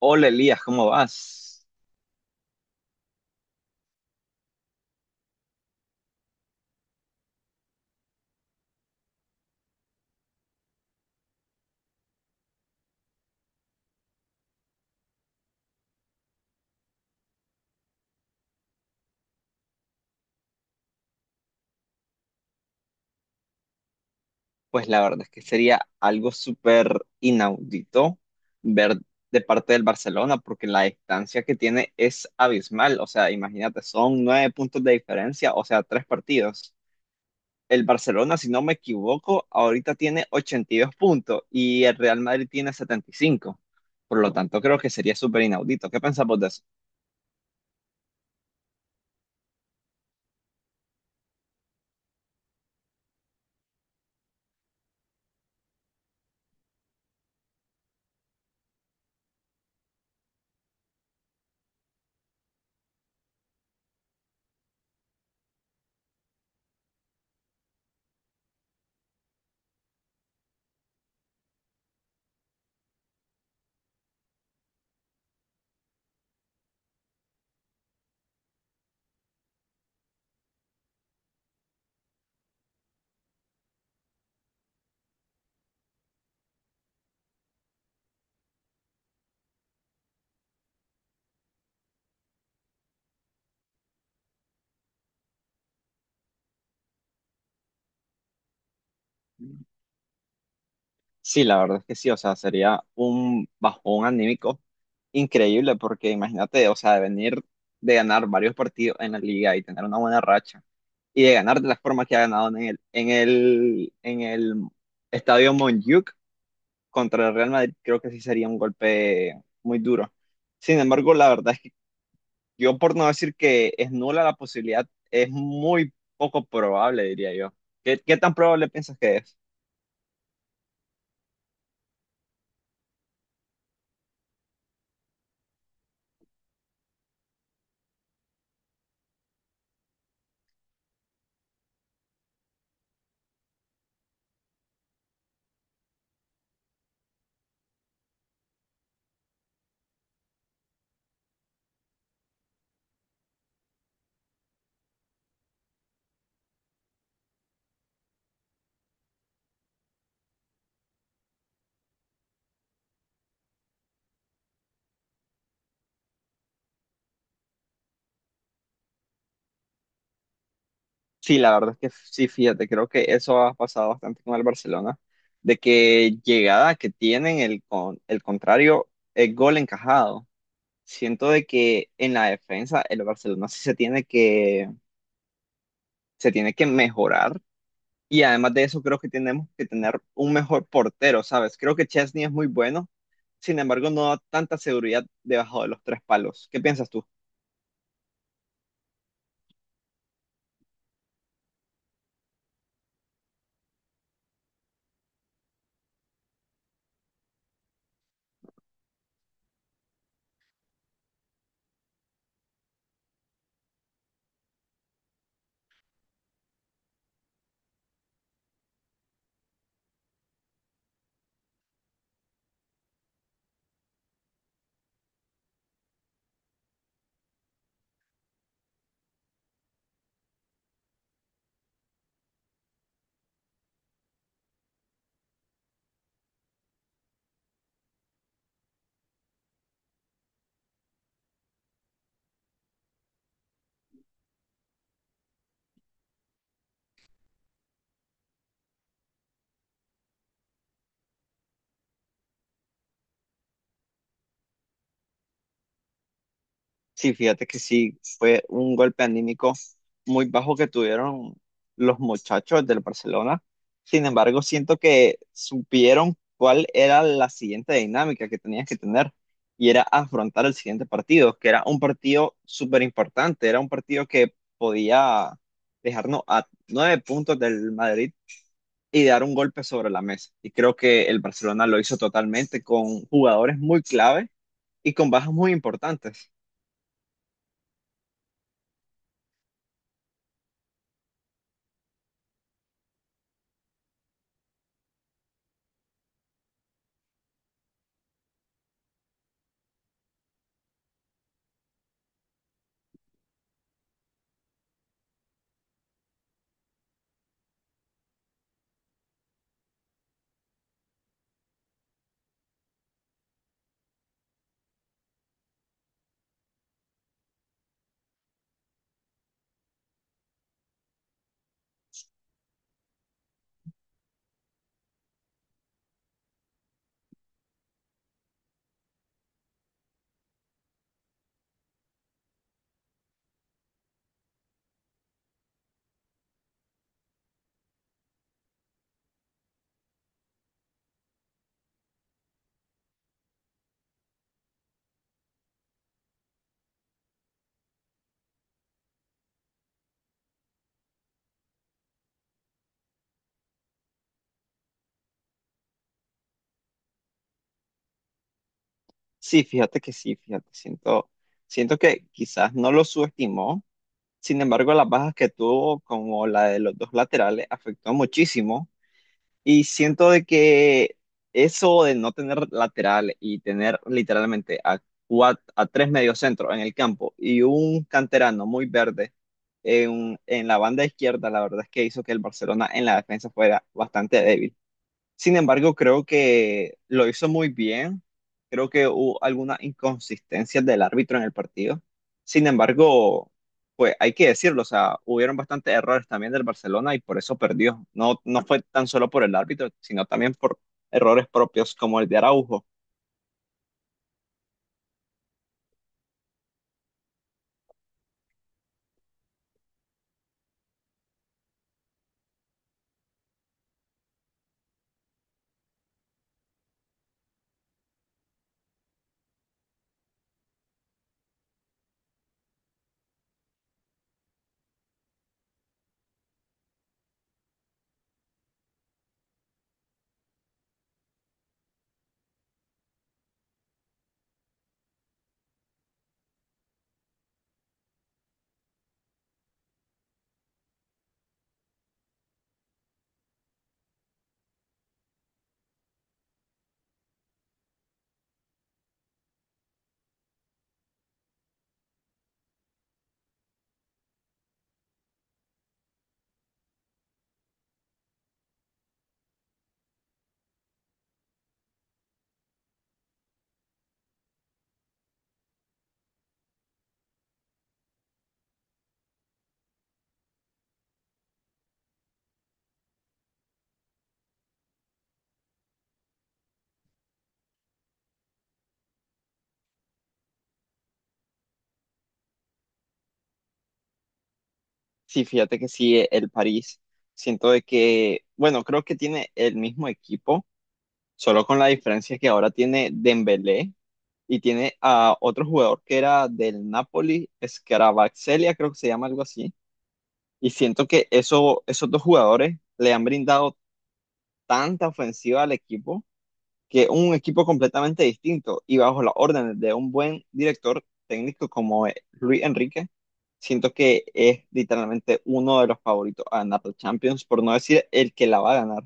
Hola Elías, ¿cómo vas? Pues la verdad es que sería algo súper inaudito ver de parte del Barcelona, porque la distancia que tiene es abismal. O sea, imagínate, son nueve puntos de diferencia, o sea, tres partidos. El Barcelona, si no me equivoco, ahorita tiene 82 puntos y el Real Madrid tiene 75. Por lo tanto, creo que sería súper inaudito. ¿Qué pensamos de eso? Sí, la verdad es que sí, o sea, sería un bajón anímico increíble porque imagínate, o sea, de venir de ganar varios partidos en la liga y tener una buena racha y de ganar de la forma que ha ganado en el estadio Montjuic contra el Real Madrid, creo que sí sería un golpe muy duro. Sin embargo, la verdad es que yo por no decir que es nula la posibilidad, es muy poco probable, diría yo. ¿Qué tan probable piensas que es? Sí, la verdad es que sí, fíjate, creo que eso ha pasado bastante con el Barcelona, de que llegada que tienen el contrario, el gol encajado. Siento de que en la defensa el Barcelona sí se tiene que mejorar y además de eso creo que tenemos que tener un mejor portero, ¿sabes? Creo que Chesney es muy bueno, sin embargo no da tanta seguridad debajo de los tres palos. ¿Qué piensas tú? Sí, fíjate que sí, fue un golpe anímico muy bajo que tuvieron los muchachos del Barcelona. Sin embargo, siento que supieron cuál era la siguiente dinámica que tenían que tener y era afrontar el siguiente partido, que era un partido súper importante, era un partido que podía dejarnos a 9 puntos del Madrid y dar un golpe sobre la mesa. Y creo que el Barcelona lo hizo totalmente con jugadores muy clave y con bajas muy importantes. Sí, fíjate que sí, fíjate, siento que quizás no lo subestimó, sin embargo las bajas que tuvo como la de los dos laterales afectó muchísimo y siento de que eso de no tener lateral y tener literalmente a, a tres mediocentros en el campo y un canterano muy verde en la banda izquierda, la verdad es que hizo que el Barcelona en la defensa fuera bastante débil. Sin embargo, creo que lo hizo muy bien. Creo que hubo algunas inconsistencias del árbitro en el partido. Sin embargo, pues hay que decirlo, o sea, hubieron bastantes errores también del Barcelona y por eso perdió. No, no fue tan solo por el árbitro, sino también por errores propios como el de Araujo. Sí, fíjate que sí, el París. Siento de que, bueno, creo que tiene el mismo equipo, solo con la diferencia que ahora tiene Dembélé y tiene a otro jugador que era del Napoli, Scarabazzelia, creo que se llama algo así. Y siento que eso, esos dos jugadores le han brindado tanta ofensiva al equipo que es un equipo completamente distinto y bajo las órdenes de un buen director técnico como es Luis Enrique, siento que es literalmente uno de los favoritos a ganar la Champions, por no decir el que la va a ganar.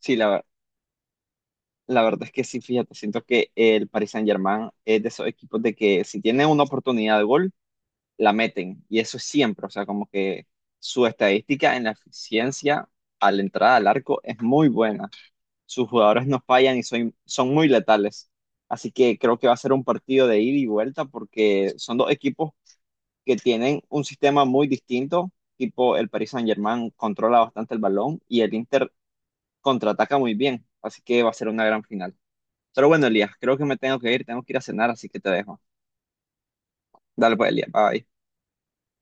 Sí, la verdad es que sí, fíjate, siento que el Paris Saint-Germain es de esos equipos de que si tiene una oportunidad de gol, la meten. Y eso es siempre, o sea, como que su estadística en la eficiencia a la entrada al arco es muy buena. Sus jugadores no fallan y son muy letales. Así que creo que va a ser un partido de ida y vuelta porque son dos equipos que tienen un sistema muy distinto, tipo el Paris Saint-Germain controla bastante el balón y el Inter contraataca muy bien, así que va a ser una gran final. Pero bueno, Elías, creo que me tengo que ir a cenar, así que te dejo. Dale pues, Elías, bye.